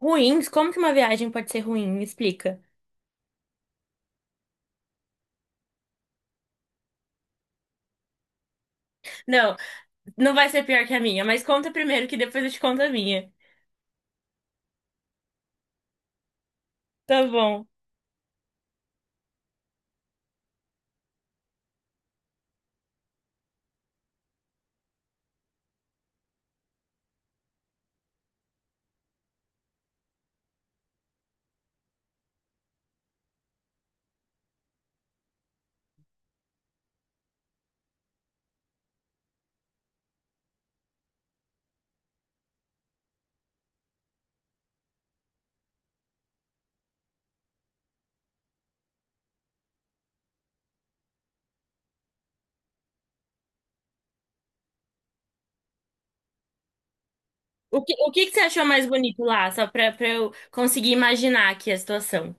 Ruins? Como que uma viagem pode ser ruim? Me explica. Não, não vai ser pior que a minha, mas conta primeiro que depois eu te conto a minha. Tá bom. O que que você achou mais bonito lá? Só pra eu conseguir imaginar aqui a situação.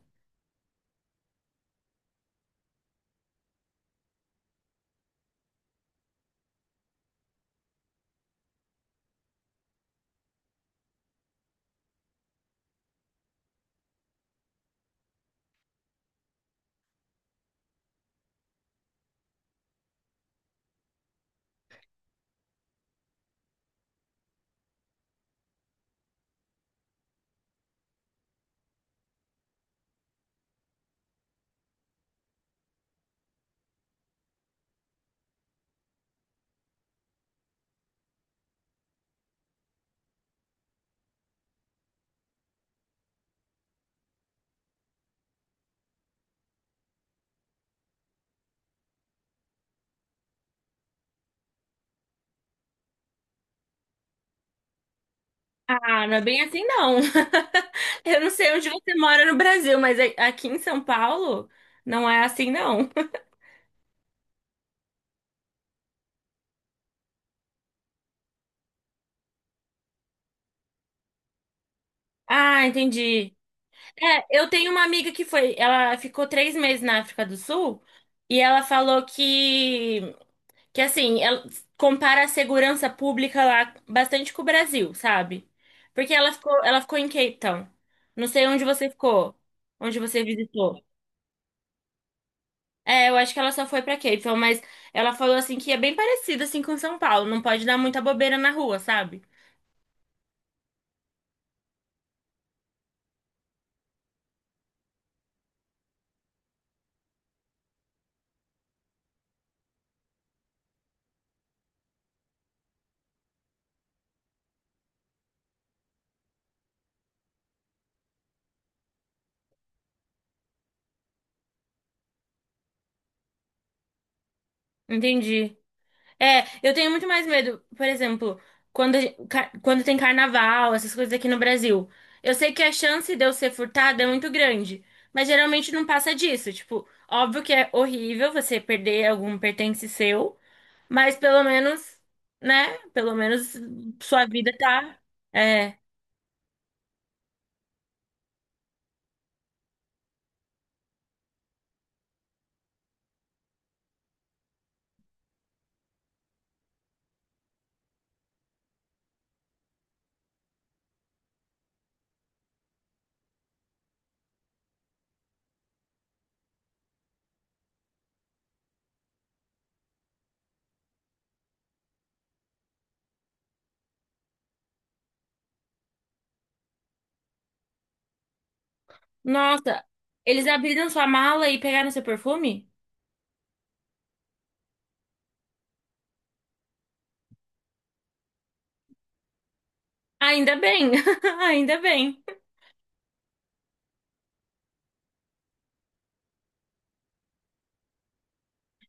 Ah, não é bem assim, não. Eu não sei onde você mora no Brasil, mas aqui em São Paulo não é assim, não. Ah, entendi. É, eu tenho uma amiga que foi, ela ficou 3 meses na África do Sul e ela falou que assim, ela compara a segurança pública lá bastante com o Brasil, sabe? Porque ela ficou em Cape Town. Não sei onde você ficou, onde você visitou. É, eu acho que ela só foi pra Cape Town, mas ela falou assim que é bem parecido assim com São Paulo, não pode dar muita bobeira na rua, sabe? Entendi. É, eu tenho muito mais medo, por exemplo, quando, quando tem carnaval, essas coisas aqui no Brasil. Eu sei que a chance de eu ser furtada é muito grande, mas geralmente não passa disso. Tipo, óbvio que é horrível você perder algum pertence seu, mas pelo menos, né? Pelo menos sua vida tá. É. Nossa, eles abriram sua mala e pegaram seu perfume? Ainda bem, ainda bem.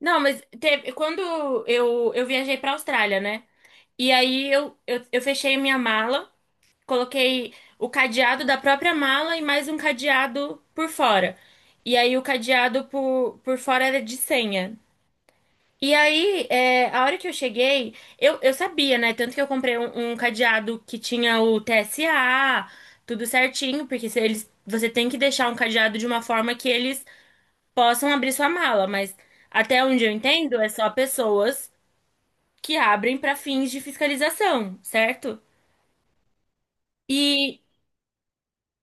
Não, mas teve, quando eu viajei pra Austrália, né? E aí eu fechei minha mala, coloquei o cadeado da própria mala e mais um cadeado por fora. E aí o cadeado por fora era de senha. E aí, a hora que eu cheguei, eu sabia, né? Tanto que eu comprei um cadeado que tinha o TSA, tudo certinho, porque se eles, você tem que deixar um cadeado de uma forma que eles possam abrir sua mala, mas até onde eu entendo, é só pessoas que abrem para fins de fiscalização, certo? E,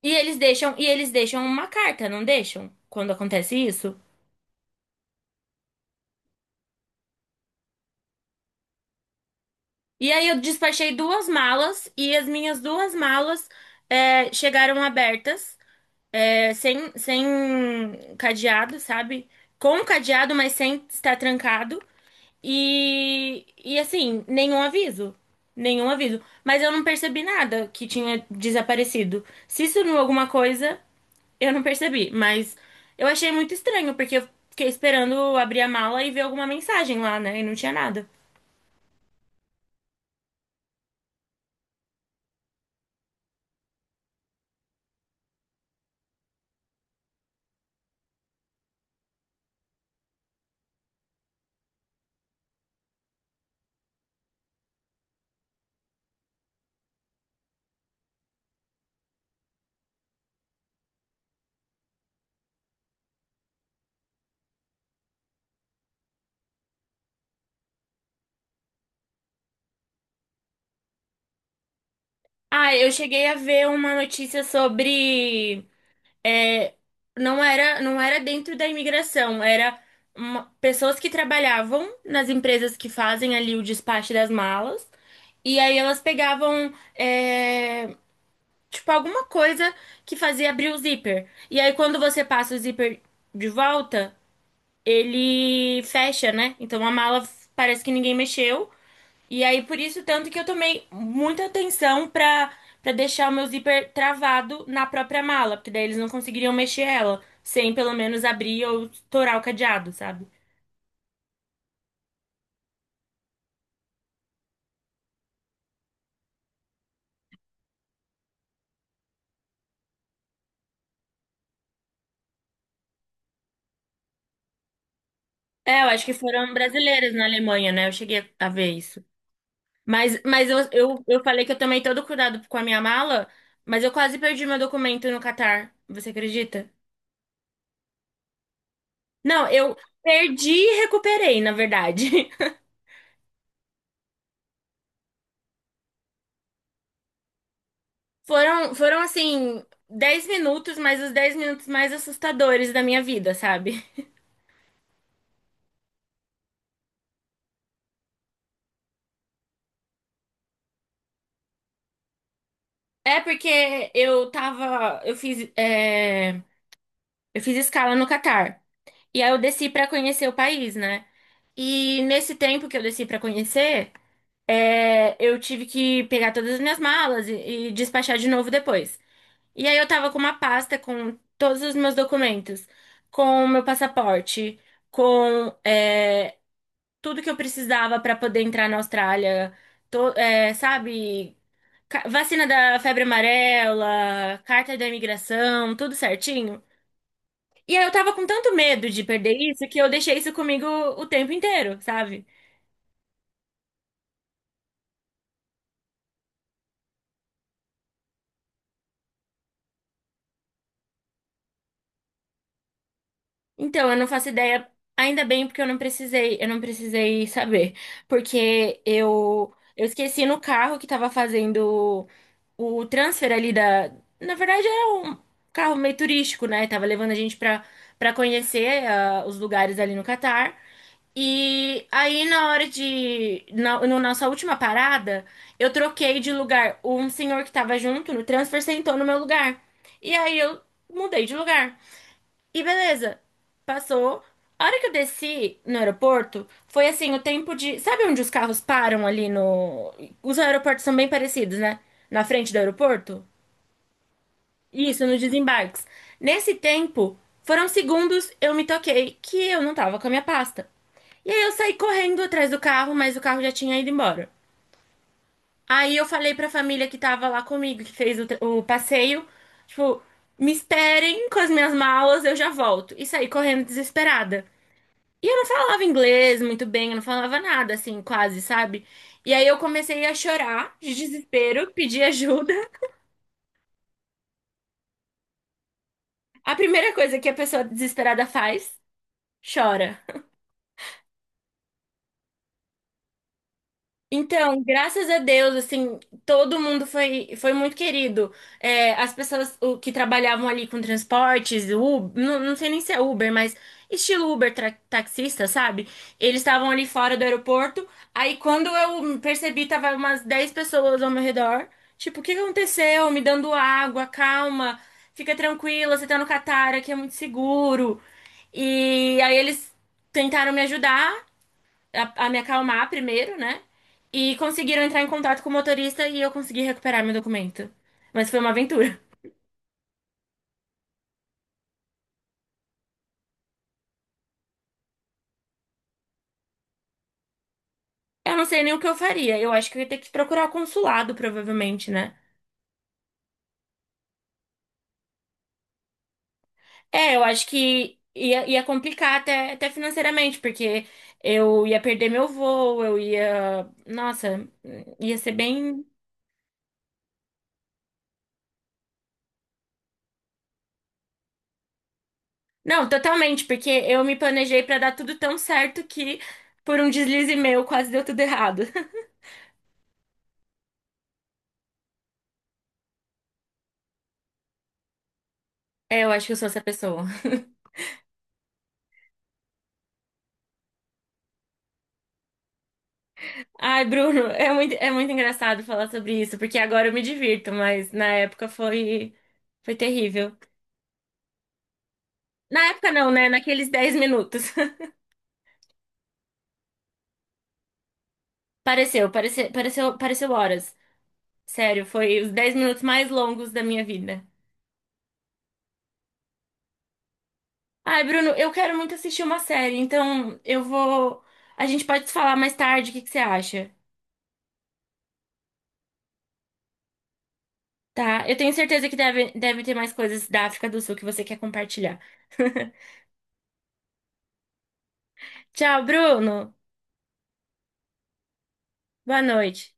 e eles deixam uma carta, não deixam? Quando acontece isso? E aí eu despachei duas malas e as minhas duas malas chegaram abertas, sem cadeado, sabe? Com cadeado, mas sem estar trancado. E assim, nenhum aviso. Nenhum aviso. Mas eu não percebi nada que tinha desaparecido. Se sumiu alguma coisa, eu não percebi. Mas eu achei muito estranho, porque eu fiquei esperando abrir a mala e ver alguma mensagem lá, né? E não tinha nada. Ah, eu cheguei a ver uma notícia sobre, é, não era dentro da imigração, era pessoas que trabalhavam nas empresas que fazem ali o despacho das malas, e aí elas pegavam, tipo, alguma coisa que fazia abrir o zíper. E aí quando você passa o zíper de volta, ele fecha, né? Então a mala parece que ninguém mexeu. E aí por isso tanto que eu tomei muita atenção pra para deixar o meu zíper travado na própria mala, porque daí eles não conseguiriam mexer ela sem pelo menos abrir ou estourar o cadeado, sabe? É, eu acho que foram brasileiras na Alemanha, né? Eu cheguei a ver isso. Mas eu falei que eu tomei todo cuidado com a minha mala, mas eu quase perdi meu documento no Catar. Você acredita? Não, eu perdi e recuperei, na verdade. Foram assim, 10 minutos, mas os 10 minutos mais assustadores da minha vida, sabe? É porque eu tava. Eu fiz escala no Catar. E aí eu desci pra conhecer o país, né? E nesse tempo que eu desci pra conhecer, eu tive que pegar todas as minhas malas e despachar de novo depois. E aí eu tava com uma pasta com todos os meus documentos, com o meu passaporte, com é, tudo que eu precisava para poder entrar na Austrália. Sabe? Vacina da febre amarela, carta da imigração, tudo certinho. E aí eu tava com tanto medo de perder isso que eu deixei isso comigo o tempo inteiro, sabe? Então, eu não faço ideia, ainda bem porque eu não precisei saber, porque eu esqueci no carro que estava fazendo o transfer ali na verdade era um carro meio turístico, né? Tava levando a gente para conhecer os lugares ali no Catar. E aí, na hora de. Na nossa última parada, eu troquei de lugar. Um senhor que tava junto no transfer sentou no meu lugar. E aí eu mudei de lugar. E beleza, passou. A hora que eu desci no aeroporto, foi assim, o tempo de. Sabe onde os carros param ali no. Os aeroportos são bem parecidos, né? Na frente do aeroporto? Isso, nos desembarques. Nesse tempo, foram segundos, eu me toquei que eu não tava com a minha pasta. E aí eu saí correndo atrás do carro, mas o carro já tinha ido embora. Aí eu falei pra família que tava lá comigo, que fez o passeio, tipo, me esperem com as minhas malas, eu já volto. E saí correndo desesperada. E eu não falava inglês muito bem, eu não falava nada, assim, quase, sabe? E aí eu comecei a chorar de desespero, pedir ajuda. A primeira coisa que a pessoa desesperada faz, chora. Então, graças a Deus, assim, todo mundo foi, foi muito querido. É, as pessoas que trabalhavam ali com transportes, Uber, não sei nem se é Uber, mas estilo Uber taxista, sabe? Eles estavam ali fora do aeroporto. Aí, quando eu percebi, tava umas 10 pessoas ao meu redor. Tipo, o que que aconteceu? Me dando água, calma, fica tranquila, você tá no Catar, aqui é muito seguro. E aí, eles tentaram me ajudar a me acalmar primeiro, né? E conseguiram entrar em contato com o motorista e eu consegui recuperar meu documento. Mas foi uma aventura. Eu não sei nem o que eu faria. Eu acho que eu ia ter que procurar o consulado, provavelmente, né? É, eu acho que ia complicar até financeiramente, porque eu ia perder meu voo, eu ia. Nossa, ia ser bem. Não, totalmente, porque eu me planejei pra dar tudo tão certo que por um deslize meu quase deu tudo errado. É, eu acho que eu sou essa pessoa. Ai, Bruno, é muito engraçado falar sobre isso, porque agora eu me divirto, mas na época foi, foi terrível. Na época não, né? Naqueles 10 minutos. Pareceu, pareceu, pareceu, pareceu horas. Sério, foi os 10 minutos mais longos da minha vida. Ai, Bruno, eu quero muito assistir uma série, então eu vou. A gente pode se falar mais tarde, o que que você acha? Tá? Eu tenho certeza que deve ter mais coisas da África do Sul que você quer compartilhar. Tchau, Bruno. Boa noite.